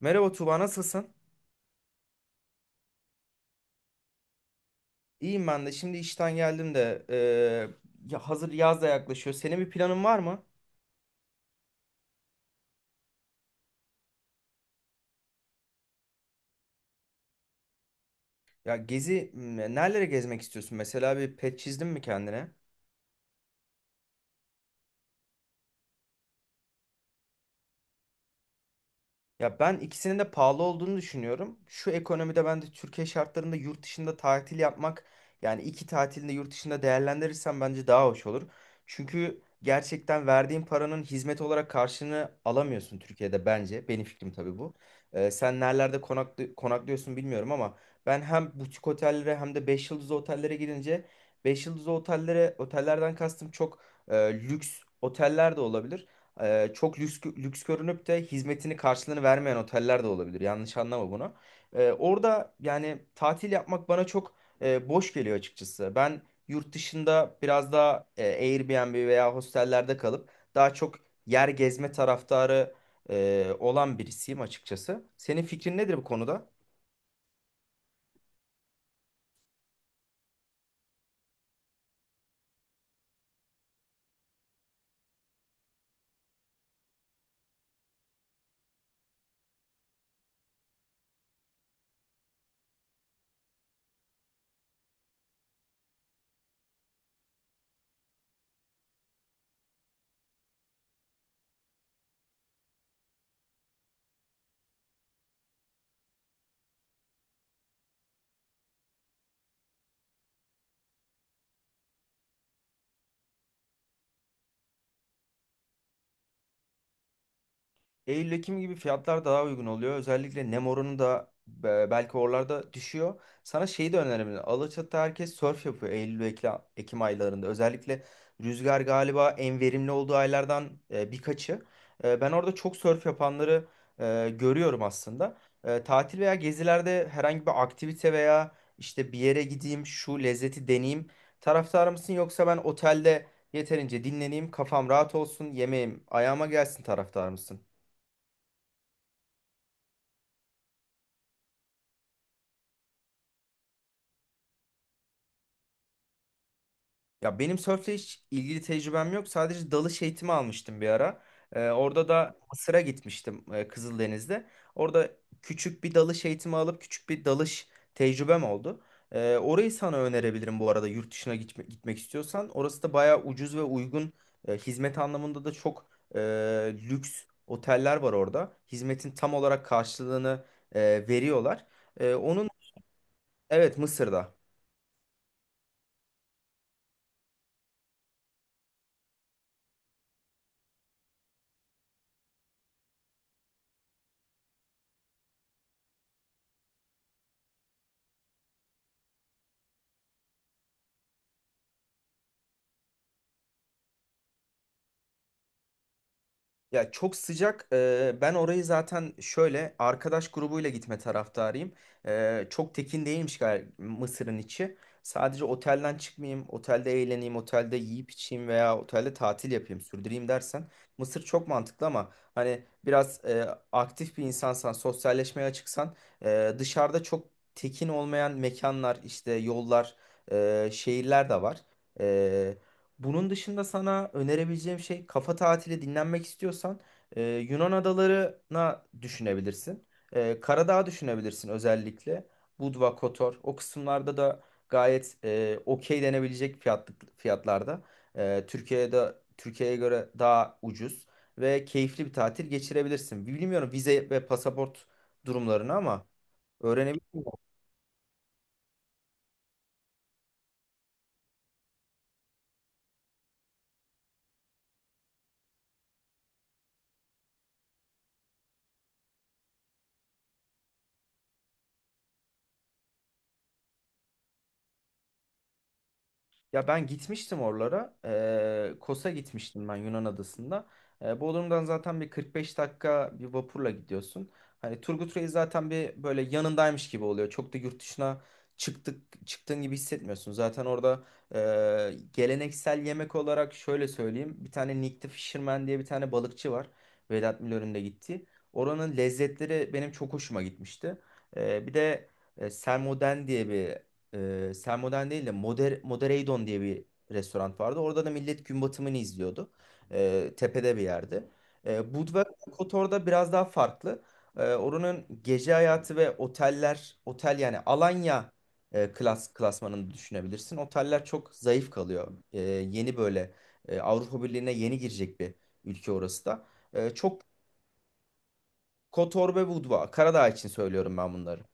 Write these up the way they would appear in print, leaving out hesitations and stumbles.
Merhaba Tuba, nasılsın? İyiyim ben de. Şimdi işten geldim de ya hazır yaz da yaklaşıyor. Senin bir planın var mı? Ya nerelere gezmek istiyorsun? Mesela bir pet çizdin mi kendine? Ya ben ikisinin de pahalı olduğunu düşünüyorum. Şu ekonomide ben de Türkiye şartlarında yurt dışında tatil yapmak yani iki tatilini yurt dışında değerlendirirsem bence daha hoş olur. Çünkü gerçekten verdiğin paranın hizmet olarak karşılığını alamıyorsun Türkiye'de bence. Benim fikrim tabii bu. Sen nerelerde konaklıyorsun bilmiyorum ama ben hem butik otellere hem de 5 yıldızlı otellere gidince 5 yıldızlı otellerden kastım çok e, lüks oteller de olabilir. Çok lüks görünüp de hizmetini karşılığını vermeyen oteller de olabilir. Yanlış anlama bunu. Orada yani tatil yapmak bana çok boş geliyor açıkçası. Ben yurt dışında biraz daha Airbnb veya hostellerde kalıp daha çok yer gezme taraftarı olan birisiyim açıkçası. Senin fikrin nedir bu konuda? Eylül-Ekim gibi fiyatlar daha uygun oluyor. Özellikle nem oranı da belki oralarda düşüyor. Sana şeyi de önerebilirim. Alaçatı herkes sörf yapıyor Eylül-Ekim aylarında. Özellikle rüzgar galiba en verimli olduğu aylardan birkaçı. Ben orada çok sörf yapanları görüyorum aslında. Tatil veya gezilerde herhangi bir aktivite veya işte bir yere gideyim, şu lezzeti deneyeyim taraftarı mısın? Yoksa ben otelde yeterince dinleneyim, kafam rahat olsun, yemeğim ayağıma gelsin taraftar mısın? Ya benim sörfle hiç ilgili tecrübem yok. Sadece dalış eğitimi almıştım bir ara. Orada da Mısır'a gitmiştim Kızıldeniz'de. Orada küçük bir dalış eğitimi alıp küçük bir dalış tecrübem oldu. Orayı sana önerebilirim bu arada yurt dışına gitmek istiyorsan. Orası da bayağı ucuz ve uygun. Hizmet anlamında da çok e, lüks oteller var orada. Hizmetin tam olarak karşılığını e, veriyorlar. Onun evet Mısır'da. Ya çok sıcak. Ben orayı zaten şöyle arkadaş grubuyla gitme taraftarıyım. Çok tekin değilmiş Mısır'ın içi. Sadece otelden çıkmayayım, otelde eğleneyim, otelde yiyip içeyim veya otelde tatil yapayım, sürdüreyim dersen Mısır çok mantıklı ama hani biraz aktif bir insansan, sosyalleşmeye açıksan dışarıda çok tekin olmayan mekanlar, işte yollar, şehirler de var. Bunun dışında sana önerebileceğim şey kafa tatili dinlenmek istiyorsan Yunan adalarına düşünebilirsin. Karadağ düşünebilirsin özellikle. Budva, Kotor o kısımlarda da gayet okey denebilecek fiyatlarda. Türkiye'de Türkiye'ye göre daha ucuz ve keyifli bir tatil geçirebilirsin. Bilmiyorum vize ve pasaport durumlarını ama öğrenebilirsin. Ya ben gitmiştim oralara. Kos'a gitmiştim ben Yunan adasında. Bodrum'dan zaten bir 45 dakika bir vapurla gidiyorsun. Hani Turgut Reis zaten bir böyle yanındaymış gibi oluyor. Çok da yurt dışına çıktık çıktığın gibi hissetmiyorsun. Zaten orada geleneksel yemek olarak şöyle söyleyeyim. Bir tane Nick the Fisherman diye bir tane balıkçı var. Vedat Milor'un da gittiği. Oranın lezzetleri benim çok hoşuma gitmişti. Bir de Selmoden diye bir Sermoden değil de Modereidon diye bir restoran vardı. Orada da millet gün batımını izliyordu. Tepede bir yerde. Budva Kotor'da biraz daha farklı. Oranın gece hayatı ve oteller, otel yani Alanya klasmanını düşünebilirsin. Oteller çok zayıf kalıyor. Yeni böyle Avrupa Birliği'ne yeni girecek bir ülke orası da. E, çok Kotor ve Budva, Karadağ için söylüyorum ben bunları.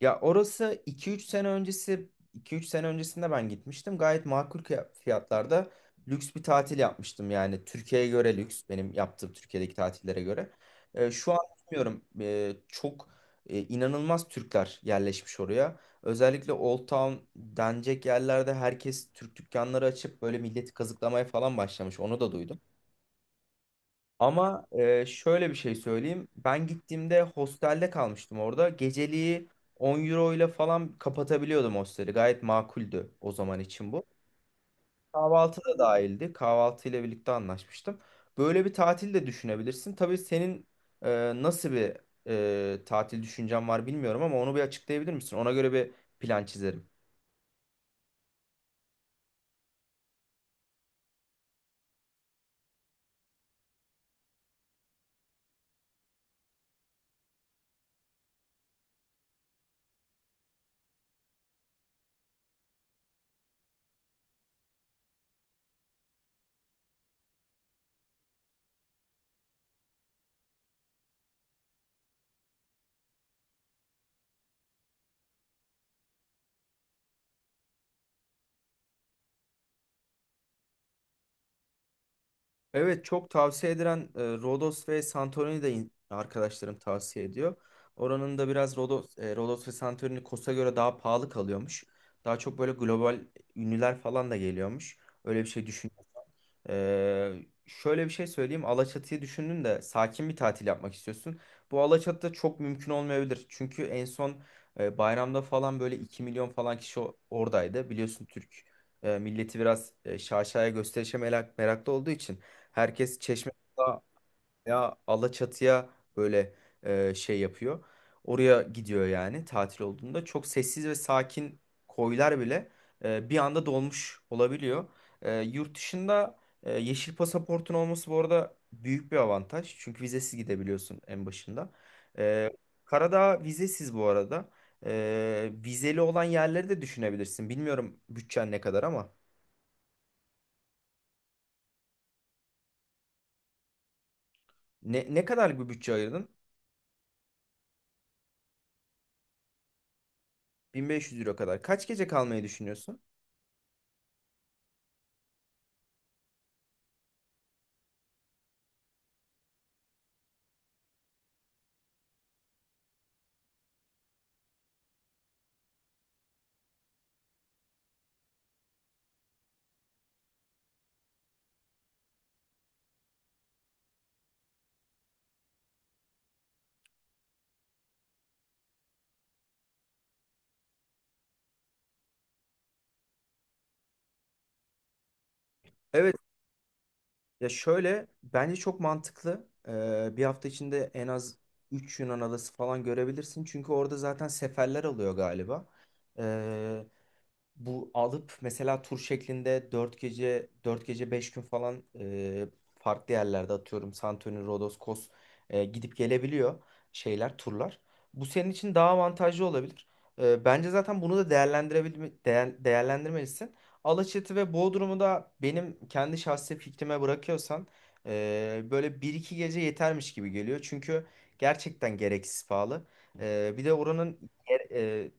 Ya orası iki üç sene öncesinde ben gitmiştim. Gayet makul fiyatlarda lüks bir tatil yapmıştım. Yani Türkiye'ye göre lüks benim yaptığım Türkiye'deki tatillere göre. Şu an bilmiyorum çok inanılmaz Türkler yerleşmiş oraya. Özellikle Old Town denecek yerlerde herkes Türk dükkanları açıp böyle milleti kazıklamaya falan başlamış. Onu da duydum. Ama şöyle bir şey söyleyeyim. Ben gittiğimde hostelde kalmıştım orada. Geceliği 10 euro ile falan kapatabiliyordum hosteli. Gayet makuldü o zaman için bu. Kahvaltı da dahildi. Kahvaltı ile birlikte anlaşmıştım. Böyle bir tatil de düşünebilirsin. Tabii senin nasıl bir tatil düşüncen var bilmiyorum ama onu bir açıklayabilir misin? Ona göre bir plan çizerim. Evet çok tavsiye edilen Rodos ve Santorini de arkadaşlarım tavsiye ediyor. Oranın da biraz Rodos ve Santorini Kos'a göre daha pahalı kalıyormuş. Daha çok böyle global ünlüler falan da geliyormuş. Öyle bir şey düşün. Ee, şöyle bir şey söyleyeyim. Alaçatı'yı düşündün de sakin bir tatil yapmak istiyorsun. Bu Alaçatı'da çok mümkün olmayabilir. Çünkü en son bayramda falan böyle 2 milyon falan kişi oradaydı. Biliyorsun Türk milleti biraz şaşaya gösterişe meraklı olduğu için herkes Çeşme ya Alaçatı'ya böyle şey yapıyor. Oraya gidiyor yani tatil olduğunda. Çok sessiz ve sakin koylar bile bir anda dolmuş olabiliyor. Yurt dışında yeşil pasaportun olması bu arada büyük bir avantaj. Çünkü vizesiz gidebiliyorsun en başında. E, Karadağ vizesiz bu arada. Vizeli olan yerleri de düşünebilirsin. Bilmiyorum bütçen ne kadar ama. Ne kadarlık bir bütçe ayırdın? 1500 euro kadar. Kaç gece kalmayı düşünüyorsun? Evet. Ya şöyle bence çok mantıklı. Bir hafta içinde en az 3 Yunan adası falan görebilirsin. Çünkü orada zaten seferler alıyor galiba. Ee, bu alıp mesela tur şeklinde 4 gece 5 gün falan farklı yerlerde atıyorum Santorini, Rodos, Kos gidip gelebiliyor şeyler, turlar. Bu senin için daha avantajlı olabilir. Bence zaten bunu da değerlendirmelisin. Alaçatı ve Bodrum'u da benim kendi şahsi fikrime bırakıyorsan böyle bir iki gece yetermiş gibi geliyor. Çünkü gerçekten gereksiz pahalı. Bir de oranın e,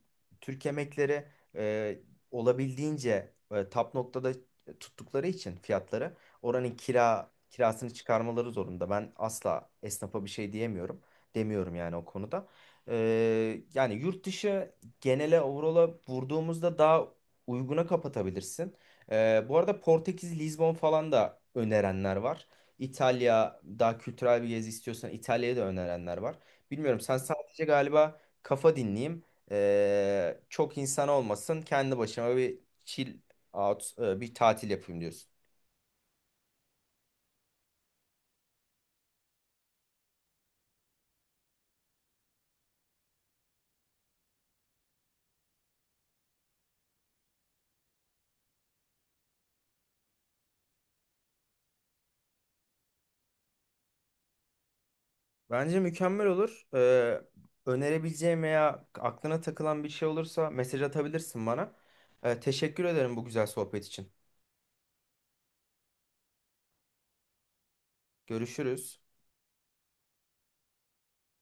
Türk yemekleri e, olabildiğince tap noktada tuttukları için fiyatları oranın kirasını çıkarmaları zorunda. Ben asla esnafa bir şey diyemiyorum. Demiyorum yani o konuda. Yani yurt dışı genele overall'a vurduğumuzda daha uyguna kapatabilirsin. Bu arada Portekiz, Lizbon falan da önerenler var. İtalya daha kültürel bir gezi istiyorsan İtalya'ya da önerenler var. Bilmiyorum sen sadece galiba kafa dinleyeyim. Çok insan olmasın. Kendi başıma bir chill out, bir tatil yapayım diyorsun. Bence mükemmel olur. Önerebileceğim veya aklına takılan bir şey olursa mesaj atabilirsin bana. Teşekkür ederim bu güzel sohbet için. Görüşürüz.